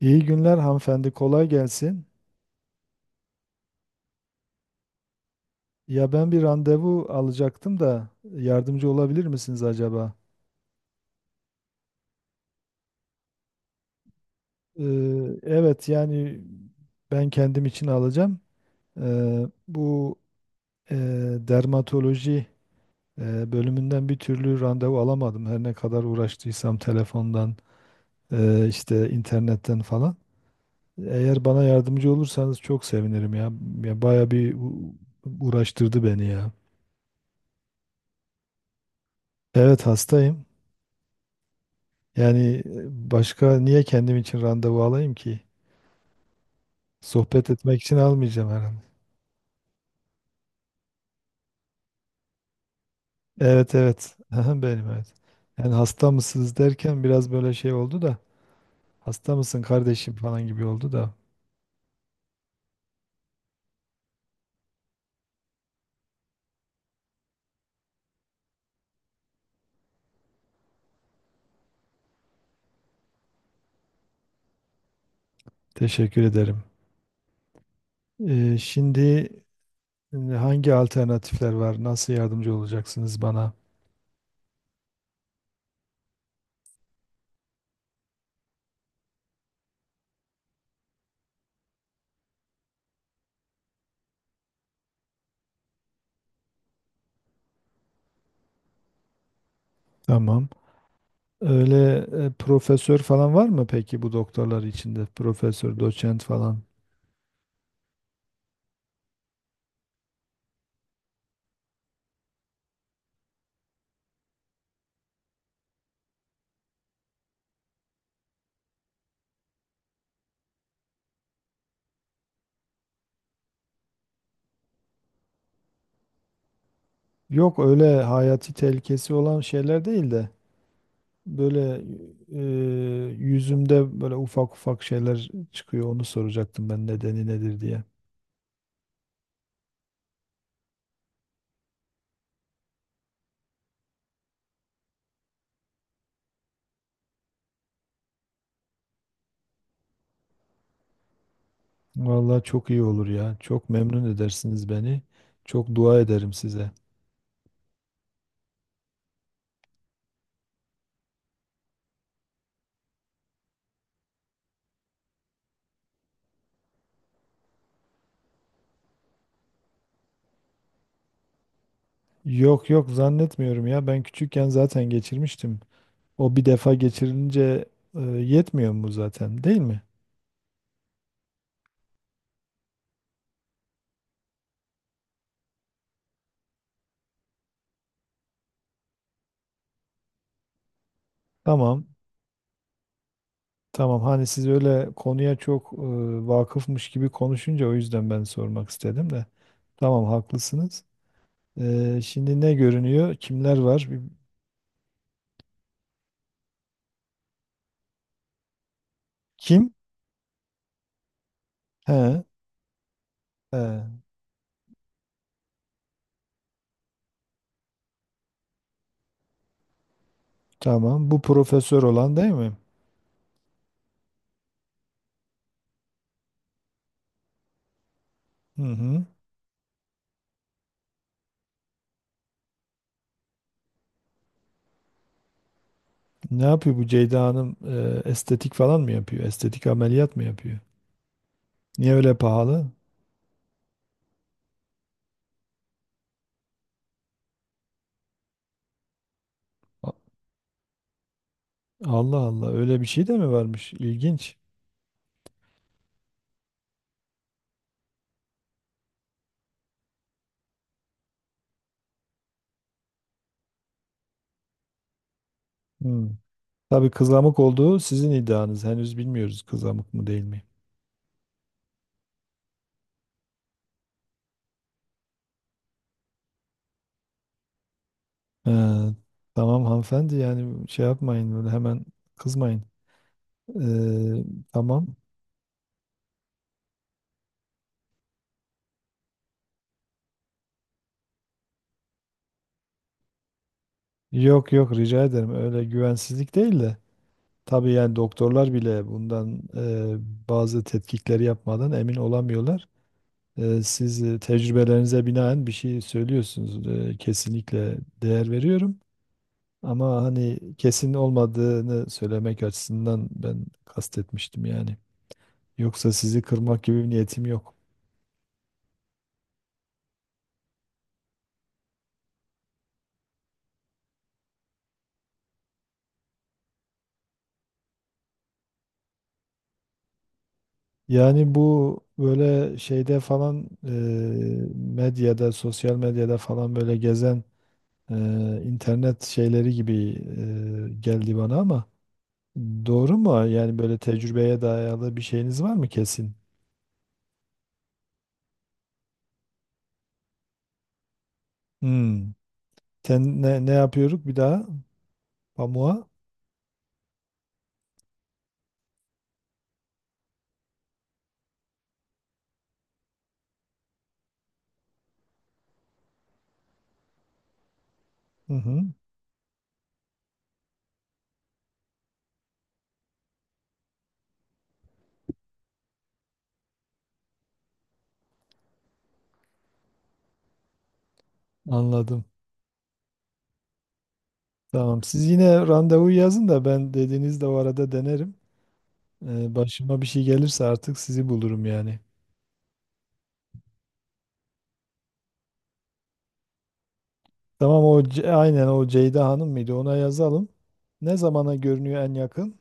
İyi günler hanımefendi, kolay gelsin. Ya ben bir randevu alacaktım da yardımcı olabilir misiniz acaba? Ee, evet yani ben kendim için alacağım. Bu e, dermatoloji bölümünden bir türlü randevu alamadım. Her ne kadar uğraştıysam telefondan, işte internetten falan. Eğer bana yardımcı olursanız çok sevinirim ya. Ya baya bir uğraştırdı beni ya. Evet hastayım. Yani başka niye kendim için randevu alayım ki? Sohbet etmek için almayacağım herhalde. Evet, evet. Aha, benim evet. Yani hasta mısınız derken biraz böyle şey oldu da hasta mısın kardeşim falan gibi oldu da teşekkür ederim. Şimdi hangi alternatifler var? Nasıl yardımcı olacaksınız bana? Tamam. Öyle profesör falan var mı peki bu doktorlar içinde? Profesör, doçent falan. Yok öyle hayati tehlikesi olan şeyler değil de. Böyle yüzümde böyle ufak ufak şeyler çıkıyor. Onu soracaktım ben nedeni nedir diye. Vallahi çok iyi olur ya. Çok memnun edersiniz beni. Çok dua ederim size. Yok, yok, zannetmiyorum ya. Ben küçükken zaten geçirmiştim. O bir defa geçirilince yetmiyor mu zaten, değil mi? Tamam. Tamam. Hani siz öyle konuya çok vakıfmış gibi konuşunca o yüzden ben sormak istedim de. Tamam, haklısınız. Şimdi ne görünüyor? Kimler var? Kim? He, he, tamam. Bu profesör olan değil mi? Hı hı. Ne yapıyor bu Ceyda Hanım? Estetik falan mı yapıyor? Estetik ameliyat mı yapıyor? Niye öyle pahalı? A- Allah Allah, öyle bir şey de mi varmış? İlginç. Hı. Tabii kızamık olduğu sizin iddianız. Henüz bilmiyoruz kızamık mı değil mi. He, tamam hanımefendi, yani şey yapmayın böyle hemen kızmayın. Ee, tamam. Yok, yok, rica ederim. Öyle güvensizlik değil de. Tabii yani doktorlar bile bundan bazı tetkikleri yapmadan emin olamıyorlar. Siz tecrübelerinize binaen bir şey söylüyorsunuz. Kesinlikle değer veriyorum. Ama hani kesin olmadığını söylemek açısından ben kastetmiştim yani. Yoksa sizi kırmak gibi bir niyetim yok. Yani bu böyle şeyde falan medyada, sosyal medyada falan böyle gezen e, internet şeyleri gibi geldi bana, ama doğru mu? Yani böyle tecrübeye dayalı bir şeyiniz var mı kesin? Hmm. Sen ne yapıyoruz bir daha? Pamuğa? Hı hı. Anladım. Tamam. Siz yine randevu yazın da ben dediğinizde o arada denerim. Başıma bir şey gelirse artık sizi bulurum yani. Tamam, o aynen, o Ceyda Hanım mıydı? Ona yazalım. Ne zamana görünüyor en yakın?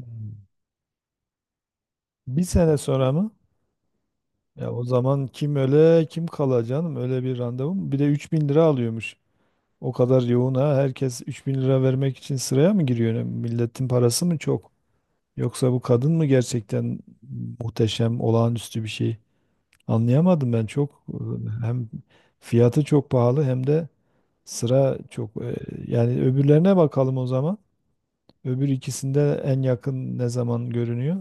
Hmm. Bir sene sonra mı? Ya o zaman kim öle kim kala canım, öyle bir randevu mu? Bir de 3.000 lira alıyormuş. O kadar yoğun ha, herkes 3.000 lira vermek için sıraya mı giriyor? Yani milletin parası mı çok? Yoksa bu kadın mı gerçekten muhteşem, olağanüstü bir şey? Anlayamadım ben çok. Hem fiyatı çok pahalı hem de sıra çok. Yani öbürlerine bakalım o zaman. Öbür ikisinde en yakın ne zaman görünüyor?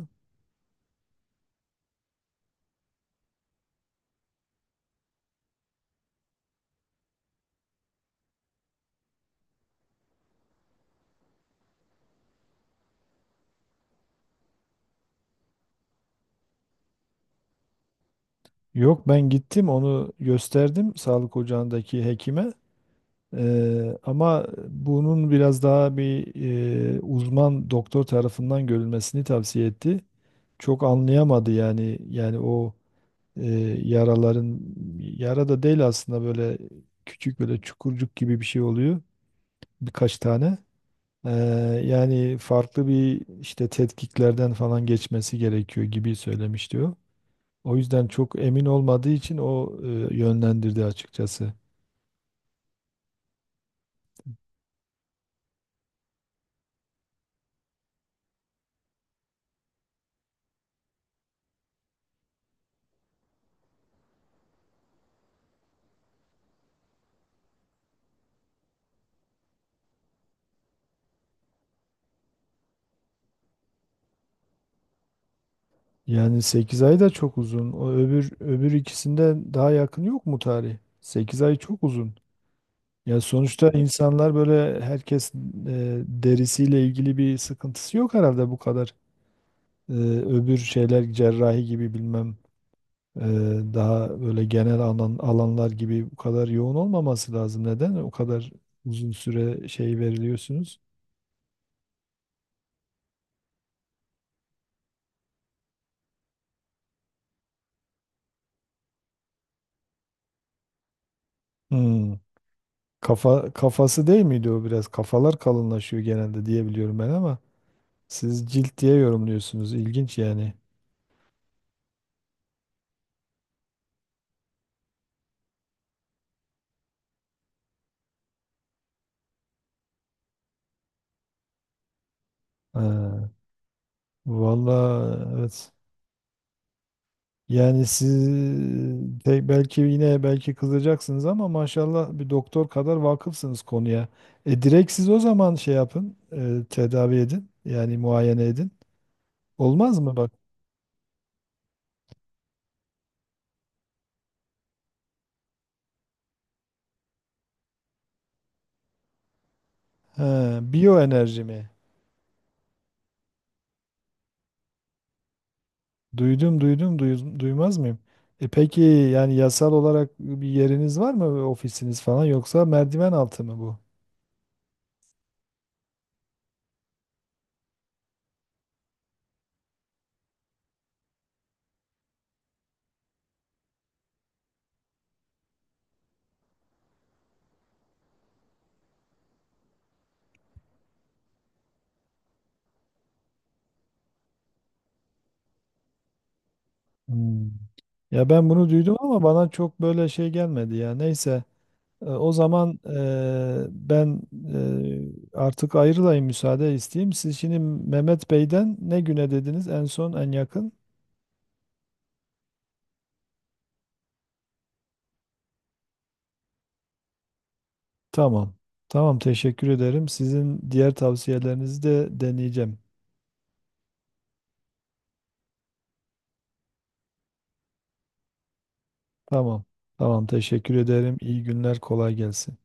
Yok, ben gittim, onu gösterdim sağlık ocağındaki hekime. Ama bunun biraz daha bir uzman doktor tarafından görülmesini tavsiye etti. Çok anlayamadı yani, o yaraların, yara da değil aslında, böyle küçük böyle çukurcuk gibi bir şey oluyor birkaç tane. Eee, Yani farklı bir işte tetkiklerden falan geçmesi gerekiyor gibi söylemiş diyor. O yüzden çok emin olmadığı için o yönlendirdi açıkçası. Yani 8 ay da çok uzun. O öbür ikisinden daha yakın yok mu tarih? 8 ay çok uzun. Ya sonuçta insanlar böyle, herkes derisiyle ilgili bir sıkıntısı yok herhalde bu kadar. E, Öbür şeyler cerrahi gibi bilmem e, daha böyle genel alanlar gibi bu kadar yoğun olmaması lazım. Neden o kadar uzun süre şey veriliyorsunuz? Hmm. Kafası değil miydi o biraz? Kafalar kalınlaşıyor genelde diye biliyorum ben ama. Siz cilt diye yorumluyorsunuz. İlginç yani. Ha, valla evet. Yani siz belki yine belki kızacaksınız ama maşallah, bir doktor kadar vakıfsınız konuya. Direkt siz o zaman şey yapın, tedavi edin. Yani muayene edin. Olmaz mı bak? Ha, biyoenerji mi? Duydum, duydum, duydum, duymaz mıyım? E peki yani yasal olarak bir yeriniz var mı, ofisiniz falan, yoksa merdiven altı mı bu? Hmm. Ya ben bunu duydum ama bana çok böyle şey gelmedi ya. Neyse, o zaman ben artık ayrılayım, müsaade isteyeyim. Siz şimdi Mehmet Bey'den ne güne dediniz en son, en yakın? Tamam. Tamam, teşekkür ederim. Sizin diğer tavsiyelerinizi de deneyeceğim. Tamam. Tamam, teşekkür ederim. İyi günler, kolay gelsin.